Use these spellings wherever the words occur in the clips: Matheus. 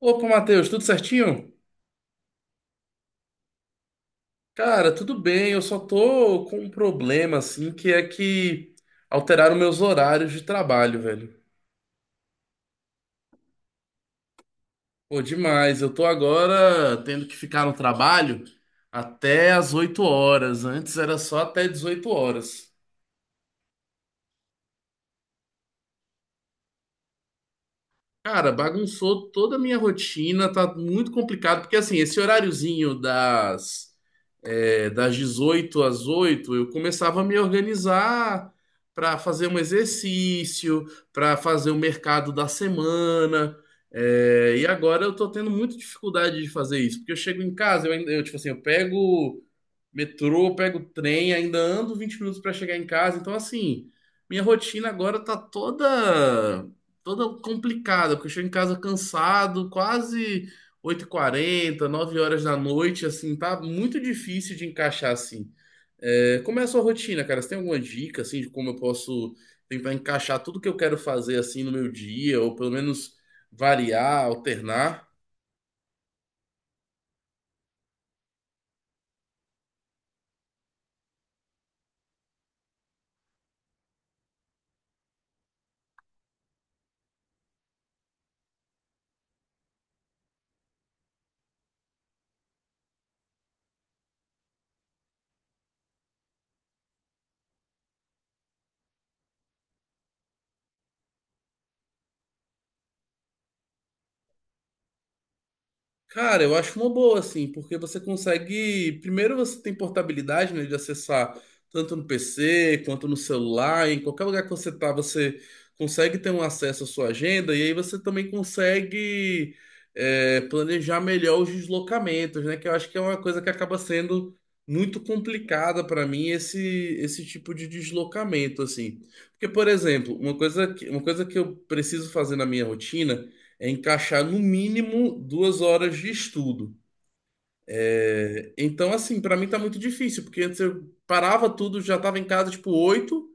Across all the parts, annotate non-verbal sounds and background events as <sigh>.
Opa, Matheus, tudo certinho? Cara, tudo bem, eu só tô com um problema, assim, que é que alteraram meus horários de trabalho, velho. Pô, demais, eu tô agora tendo que ficar no trabalho até as 8 horas, antes era só até 18 horas. Cara, bagunçou toda a minha rotina, tá muito complicado, porque assim, esse horáriozinho das das 18 às 8 eu começava a me organizar para fazer um exercício, para fazer o mercado da semana. E agora eu tô tendo muita dificuldade de fazer isso, porque eu chego em casa, eu, eu tipo assim, eu pego metrô, pego trem, ainda ando 20 minutos para chegar em casa. Então, assim, minha rotina agora tá toda complicada, porque eu chego em casa cansado, quase 8h40, 9 horas da noite, assim, tá muito difícil de encaixar assim. É, como é a sua rotina, cara? Você tem alguma dica, assim, de como eu posso tentar encaixar tudo que eu quero fazer, assim, no meu dia, ou pelo menos variar, alternar? Cara, eu acho uma boa, assim, porque você consegue. Primeiro, você tem portabilidade, né, de acessar tanto no PC quanto no celular, em qualquer lugar que você tá, você consegue ter um acesso à sua agenda, e aí você também consegue planejar melhor os deslocamentos, né, que eu acho que é uma coisa que acaba sendo muito complicada para mim, esse tipo de deslocamento, assim. Porque, por exemplo, uma coisa que eu preciso fazer na minha rotina é encaixar no mínimo 2 horas de estudo. É, então, assim, para mim tá muito difícil, porque antes eu parava tudo, já tava em casa tipo oito,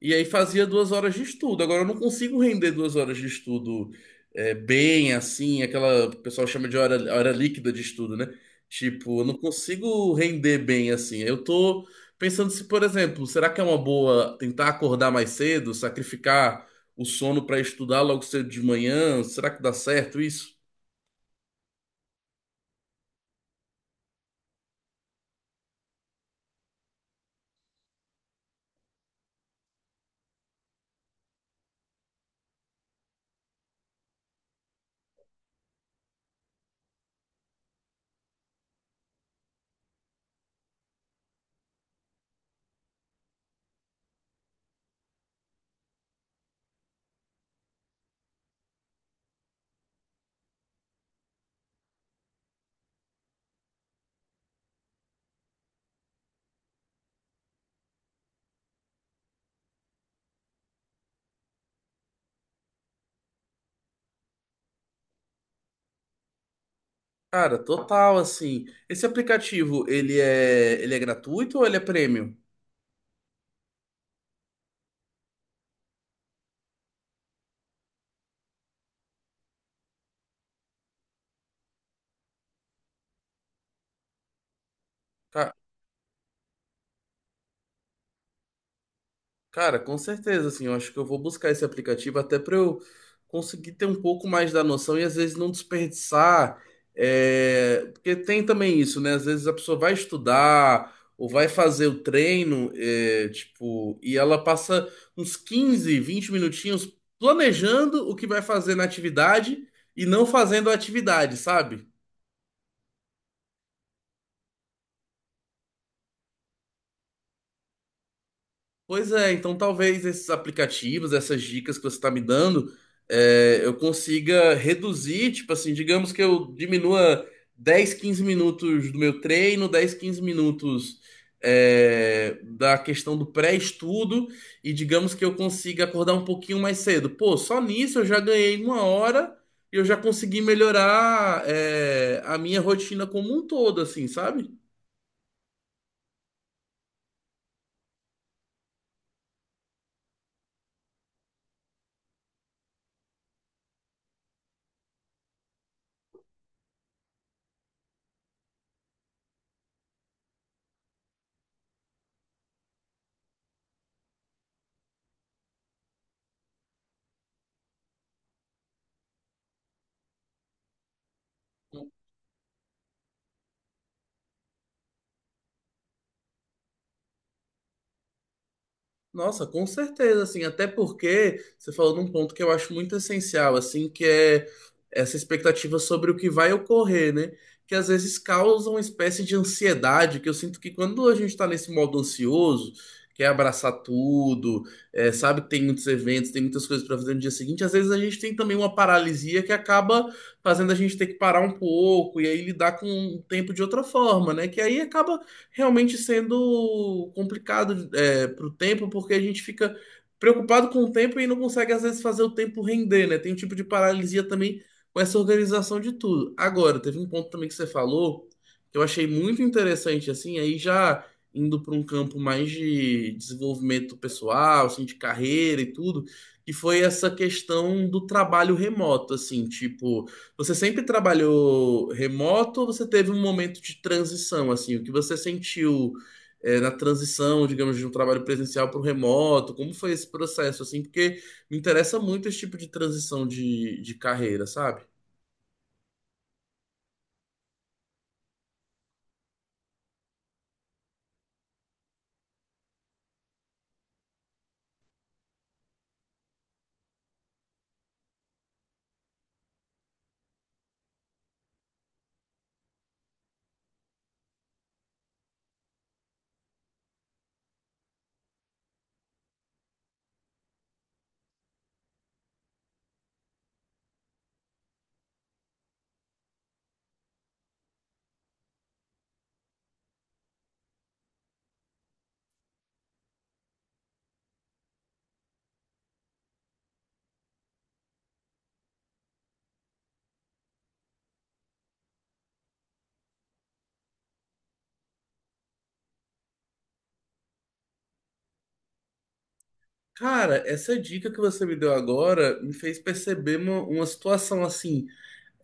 e aí fazia 2 horas de estudo. Agora eu não consigo render 2 horas de estudo bem assim, aquela que o pessoal chama de hora líquida de estudo, né? Tipo, eu não consigo render bem assim. Eu tô pensando se, por exemplo, será que é uma boa tentar acordar mais cedo, sacrificar o sono para estudar logo cedo de manhã? Será que dá certo isso? Cara, total, assim. Esse aplicativo, ele é gratuito ou ele é premium? Ca- Cara, com certeza, assim, eu acho que eu vou buscar esse aplicativo até para eu conseguir ter um pouco mais da noção e às vezes não desperdiçar, porque tem também isso, né? Às vezes a pessoa vai estudar ou vai fazer o treino, é, tipo, e ela passa uns 15 20 minutinhos planejando o que vai fazer na atividade e não fazendo a atividade, sabe? Pois é, então talvez esses aplicativos, essas dicas que você está me dando, eu consiga reduzir, tipo assim, digamos que eu diminua 10 15 minutos do meu treino, 10 15 minutos da questão do pré-estudo, e digamos que eu consiga acordar um pouquinho mais cedo. Pô, só nisso eu já ganhei uma hora e eu já consegui melhorar, a minha rotina como um todo, assim, sabe? Nossa, com certeza, assim, até porque você falou num ponto que eu acho muito essencial, assim, que é essa expectativa sobre o que vai ocorrer, né? Que às vezes causa uma espécie de ansiedade, que eu sinto que quando a gente tá nesse modo ansioso, quer abraçar tudo, sabe que tem muitos eventos, tem muitas coisas para fazer no dia seguinte, às vezes a gente tem também uma paralisia que acaba fazendo a gente ter que parar um pouco e aí lidar com o tempo de outra forma, né? Que aí acaba realmente sendo complicado para o tempo, porque a gente fica preocupado com o tempo e não consegue, às vezes, fazer o tempo render, né? Tem um tipo de paralisia também com essa organização de tudo. Agora, teve um ponto também que você falou que eu achei muito interessante, assim, aí já indo para um campo mais de desenvolvimento pessoal, assim, de carreira e tudo, que foi essa questão do trabalho remoto, assim, tipo você sempre trabalhou remoto ou você teve um momento de transição, assim? O que você sentiu, na transição, digamos, de um trabalho presencial para o remoto? Como foi esse processo, assim? Porque me interessa muito esse tipo de transição de carreira, sabe? Cara, essa dica que você me deu agora me fez perceber uma situação assim.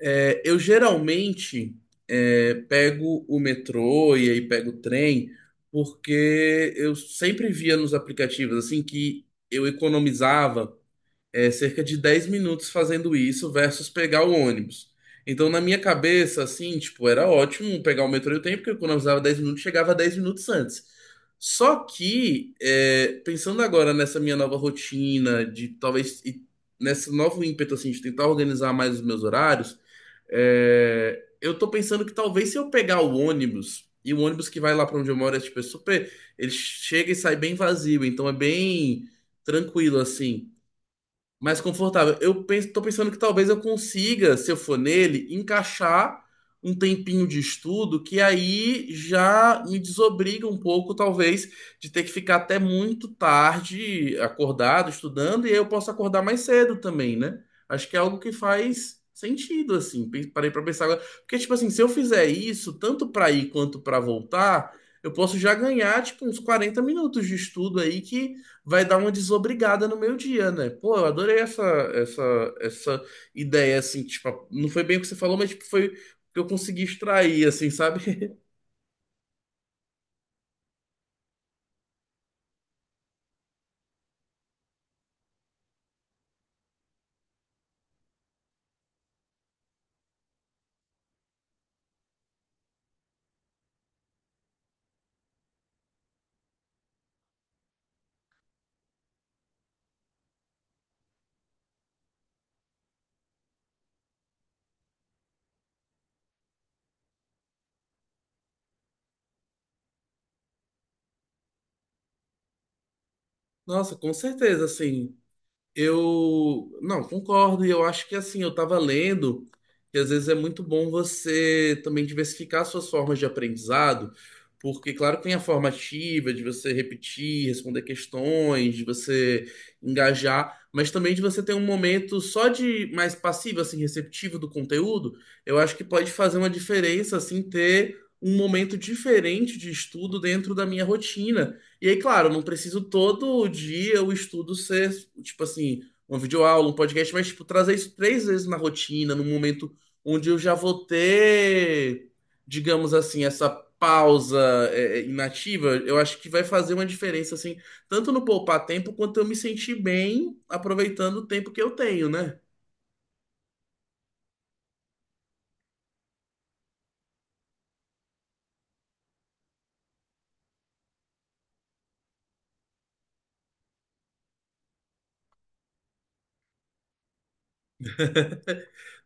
É, eu geralmente pego o metrô e aí pego o trem, porque eu sempre via nos aplicativos assim que eu economizava cerca de 10 minutos fazendo isso versus pegar o ônibus. Então, na minha cabeça, assim, tipo, era ótimo pegar o metrô e o trem, porque eu economizava 10 minutos, chegava 10 minutos antes. Só que, pensando agora nessa minha nova rotina, de talvez, e nesse novo ímpeto, assim, de tentar organizar mais os meus horários, eu tô pensando que talvez se eu pegar o ônibus, e o ônibus que vai lá pra onde eu moro é, tipo, é super, ele chega e sai bem vazio, então é bem tranquilo, assim mais confortável. Eu penso, tô pensando que talvez eu consiga, se eu for nele, encaixar um tempinho de estudo que aí já me desobriga um pouco, talvez, de ter que ficar até muito tarde acordado, estudando, e aí eu posso acordar mais cedo também, né? Acho que é algo que faz sentido, assim. Parei pra pensar agora. Porque, tipo assim, se eu fizer isso, tanto pra ir quanto pra voltar, eu posso já ganhar, tipo, uns 40 minutos de estudo aí que vai dar uma desobrigada no meu dia, né? Pô, eu adorei essa ideia, assim, tipo, não foi bem o que você falou, mas tipo, foi o que eu consegui extrair, assim, sabe? <laughs> Nossa, com certeza, assim. Eu não concordo, e eu acho que assim, eu estava lendo que às vezes é muito bom você também diversificar suas formas de aprendizado, porque claro que tem a forma ativa de você repetir, responder questões, de você engajar, mas também de você ter um momento só de mais passivo, assim, receptivo do conteúdo, eu acho que pode fazer uma diferença assim ter um momento diferente de estudo dentro da minha rotina. E aí, claro, não preciso todo dia o estudo ser, tipo assim, uma videoaula, um podcast, mas, tipo, trazer isso 3 vezes na rotina, num momento onde eu já vou ter, digamos assim, essa pausa inativa, eu acho que vai fazer uma diferença, assim, tanto no poupar tempo, quanto eu me sentir bem aproveitando o tempo que eu tenho, né?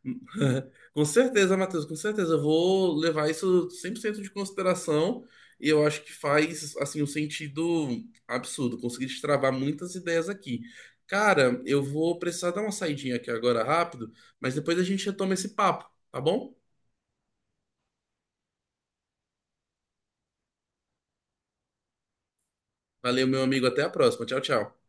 <laughs> Com certeza, Matheus, com certeza. Eu vou levar isso 100% de consideração e eu acho que faz, assim, um sentido absurdo. Consegui destravar muitas ideias aqui. Cara, eu vou precisar dar uma saidinha aqui agora rápido, mas depois a gente retoma esse papo, tá bom? Valeu, meu amigo. Até a próxima. Tchau, tchau.